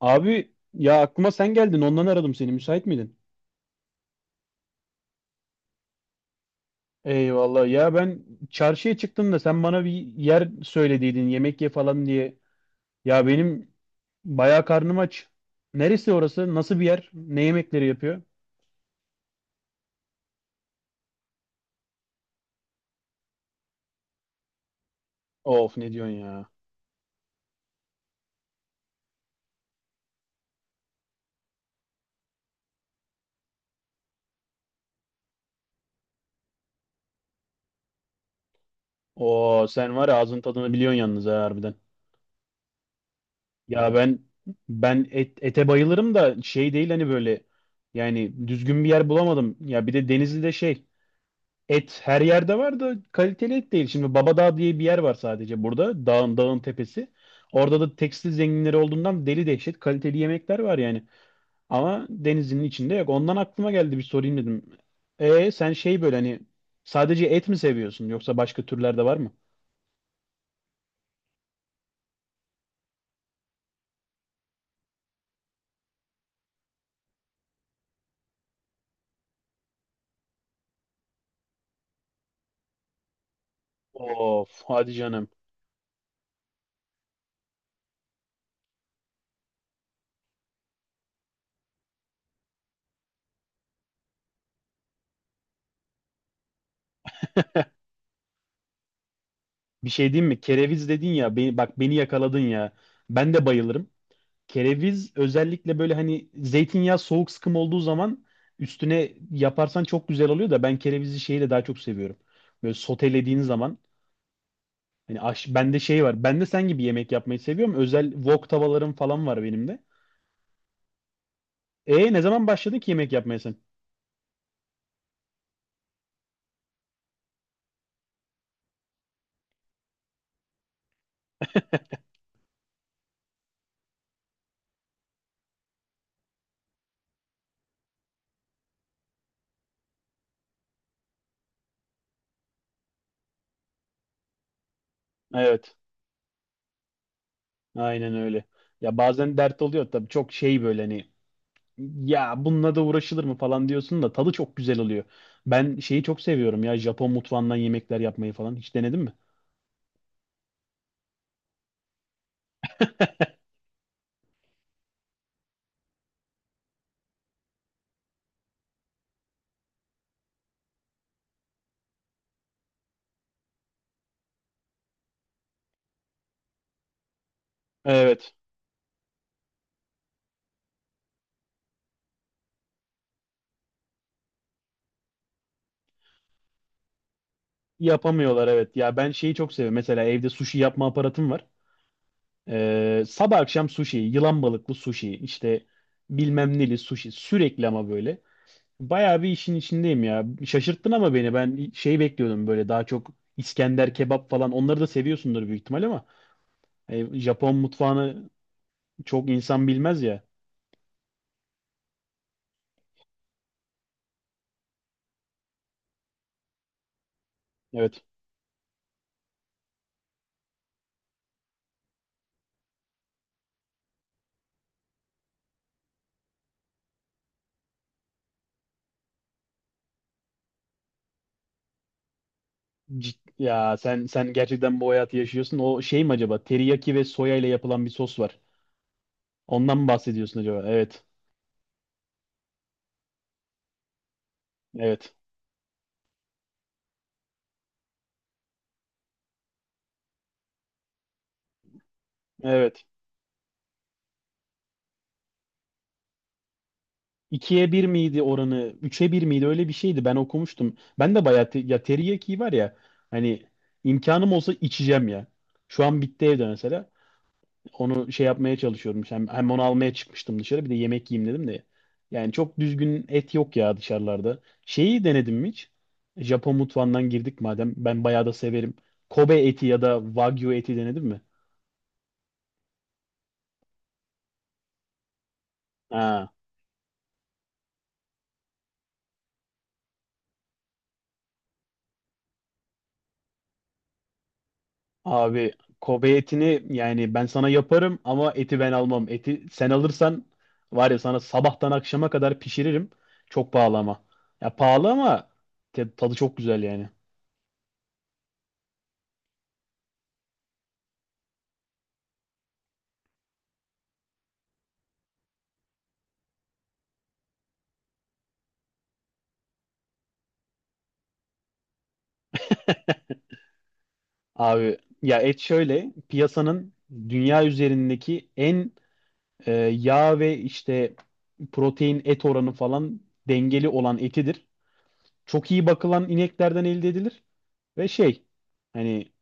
Abi ya aklıma sen geldin ondan aradım seni müsait miydin? Eyvallah ya ben çarşıya çıktım da sen bana bir yer söylediydin yemek ye falan diye. Ya benim bayağı karnım aç. Neresi orası? Nasıl bir yer? Ne yemekleri yapıyor? Of ne diyorsun ya? Oo sen var ya ağzın tadını biliyorsun yalnız ha harbiden. Ya ben ete bayılırım da şey değil hani böyle yani düzgün bir yer bulamadım. Ya bir de Denizli'de şey. Et her yerde var da kaliteli et değil. Şimdi Babadağ diye bir yer var sadece burada. Dağın tepesi. Orada da tekstil zenginleri olduğundan deli dehşet kaliteli yemekler var yani. Ama denizin içinde yok. Ondan aklıma geldi bir sorayım dedim. E sen şey böyle hani sadece et mi seviyorsun yoksa başka türler de var mı? Of hadi canım. Bir şey diyeyim mi? Kereviz dedin ya beni, bak beni yakaladın ya. Ben de bayılırım. Kereviz özellikle böyle hani zeytinyağı soğuk sıkım olduğu zaman üstüne yaparsan çok güzel oluyor da ben kerevizi şeyle daha çok seviyorum. Böyle sotelediğin zaman hani bende şey var. Ben de sen gibi yemek yapmayı seviyorum. Özel wok tavalarım falan var benim de. E ne zaman başladın ki yemek yapmaya sen? Evet. Aynen öyle. Ya bazen dert oluyor tabii çok şey böyle hani ya bununla da uğraşılır mı falan diyorsun da tadı çok güzel oluyor. Ben şeyi çok seviyorum ya Japon mutfağından yemekler yapmayı falan. Hiç denedin mi? Evet. Yapamıyorlar evet. Ya ben şeyi çok seviyorum. Mesela evde sushi yapma aparatım var. Sabah akşam sushi, yılan balıklı sushi, işte bilmem neli sushi sürekli ama böyle. Bayağı bir işin içindeyim ya. Şaşırttın ama beni. Ben şey bekliyordum böyle daha çok İskender kebap falan. Onları da seviyorsundur büyük ihtimal ama Japon mutfağını çok insan bilmez ya. Evet. Ya sen gerçekten bu hayatı yaşıyorsun. O şey mi acaba? Teriyaki ve soya ile yapılan bir sos var. Ondan mı bahsediyorsun acaba? Evet. Evet. Evet. 2'ye bir miydi oranı? Üçe bir miydi? Öyle bir şeydi. Ben okumuştum. Ben de bayağı ya teriyaki var ya hani imkanım olsa içeceğim ya. Şu an bitti evde mesela. Onu şey yapmaya çalışıyorum. Hem onu almaya çıkmıştım dışarı. Bir de yemek yiyeyim dedim de. Yani çok düzgün et yok ya dışarılarda. Şeyi denedim mi hiç? Japon mutfağından girdik madem. Ben bayağı da severim. Kobe eti ya da Wagyu eti denedim mi? Ha. Abi Kobe etini yani ben sana yaparım ama eti ben almam. Eti sen alırsan var ya sana sabahtan akşama kadar pişiririm. Çok pahalı ama. Ya pahalı ama tadı çok güzel yani. Abi ya et şöyle piyasanın dünya üzerindeki en yağ ve işte protein et oranı falan dengeli olan etidir. Çok iyi bakılan ineklerden elde edilir ve şey hani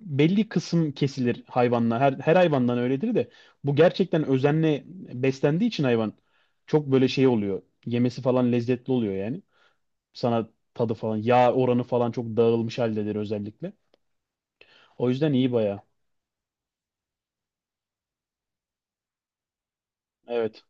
belli kısım kesilir hayvanla her hayvandan öyledir de bu gerçekten özenle beslendiği için hayvan çok böyle şey oluyor yemesi falan lezzetli oluyor yani sana tadı falan yağ oranı falan çok dağılmış haldedir özellikle o yüzden iyi baya evet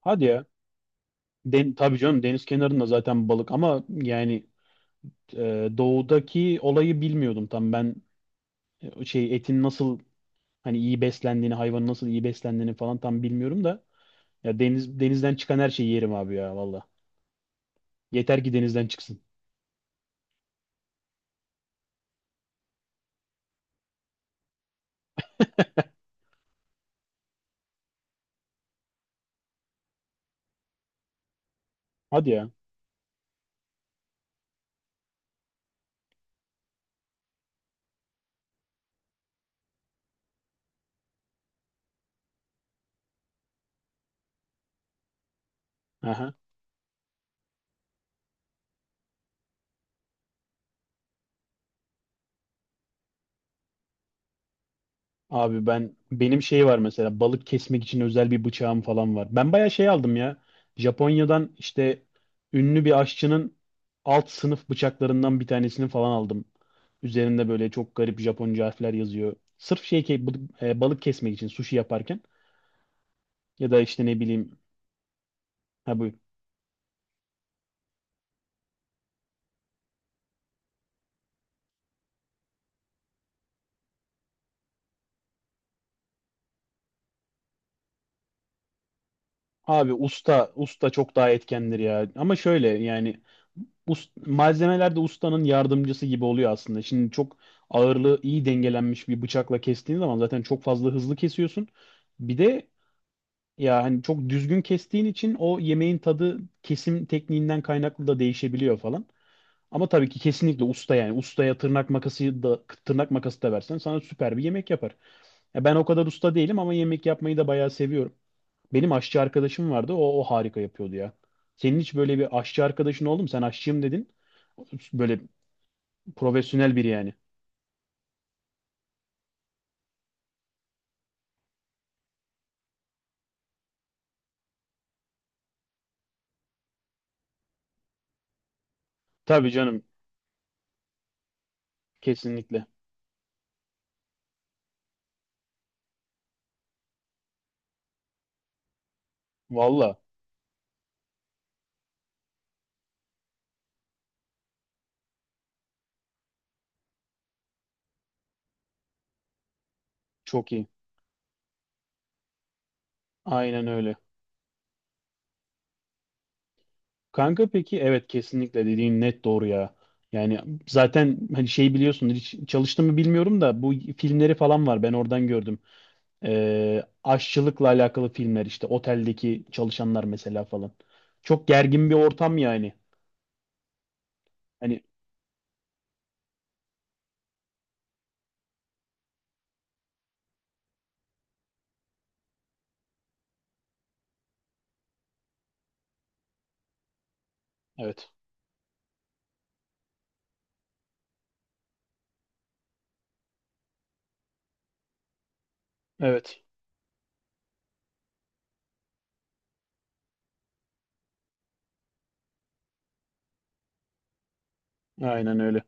hadi ya tabii canım deniz kenarında zaten balık ama yani doğudaki olayı bilmiyordum tam ben şey etin nasıl hani iyi beslendiğini hayvanın nasıl iyi beslendiğini falan tam bilmiyorum da ya denizden çıkan her şeyi yerim abi ya valla. Yeter ki denizden çıksın. Hadi ya. Abi benim şey var mesela balık kesmek için özel bir bıçağım falan var. Ben bayağı şey aldım ya. Japonya'dan işte ünlü bir aşçının alt sınıf bıçaklarından bir tanesini falan aldım. Üzerinde böyle çok garip Japonca harfler yazıyor. Sırf şey ki balık kesmek için sushi yaparken ya da işte ne bileyim ha bu abi usta çok daha etkendir ya. Ama şöyle yani malzemeler de ustanın yardımcısı gibi oluyor aslında. Şimdi çok ağırlığı iyi dengelenmiş bir bıçakla kestiğin zaman zaten çok fazla hızlı kesiyorsun. Bir de ya hani çok düzgün kestiğin için o yemeğin tadı kesim tekniğinden kaynaklı da değişebiliyor falan. Ama tabii ki kesinlikle usta yani ustaya tırnak makası da tırnak makası da versen sana süper bir yemek yapar. Ya ben o kadar usta değilim ama yemek yapmayı da bayağı seviyorum. Benim aşçı arkadaşım vardı. O harika yapıyordu ya. Senin hiç böyle bir aşçı arkadaşın oldu mu? Sen aşçıyım dedin. Böyle profesyonel biri yani. Tabii canım. Kesinlikle. Valla çok iyi. Aynen öyle. Kanka peki evet kesinlikle dediğin net doğru ya. Yani zaten hani şey biliyorsun hiç çalıştım mı bilmiyorum da bu filmleri falan var ben oradan gördüm. Aşçılıkla alakalı filmler işte oteldeki çalışanlar mesela falan. Çok gergin bir ortam yani. Hani evet evet aynen öyle.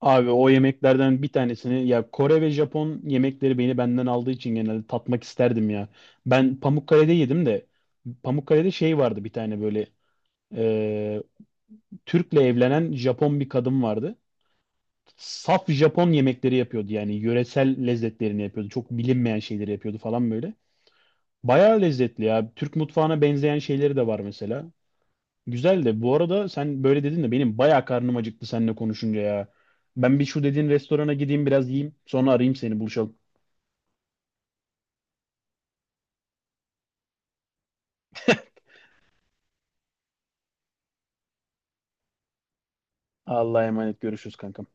Abi o yemeklerden bir tanesini ya Kore ve Japon yemekleri beni benden aldığı için genelde tatmak isterdim ya. Ben Pamukkale'de yedim de Pamukkale'de şey vardı bir tane böyle ee, Türk'le evlenen Japon bir kadın vardı. Saf Japon yemekleri yapıyordu yani yöresel lezzetlerini yapıyordu. Çok bilinmeyen şeyleri yapıyordu falan böyle. Bayağı lezzetli ya. Türk mutfağına benzeyen şeyleri de var mesela. Güzel de bu arada sen böyle dedin de benim bayağı karnım acıktı seninle konuşunca ya. Ben bir şu dediğin restorana gideyim biraz yiyeyim. Sonra arayayım seni buluşalım. Allah'a emanet görüşürüz kankam.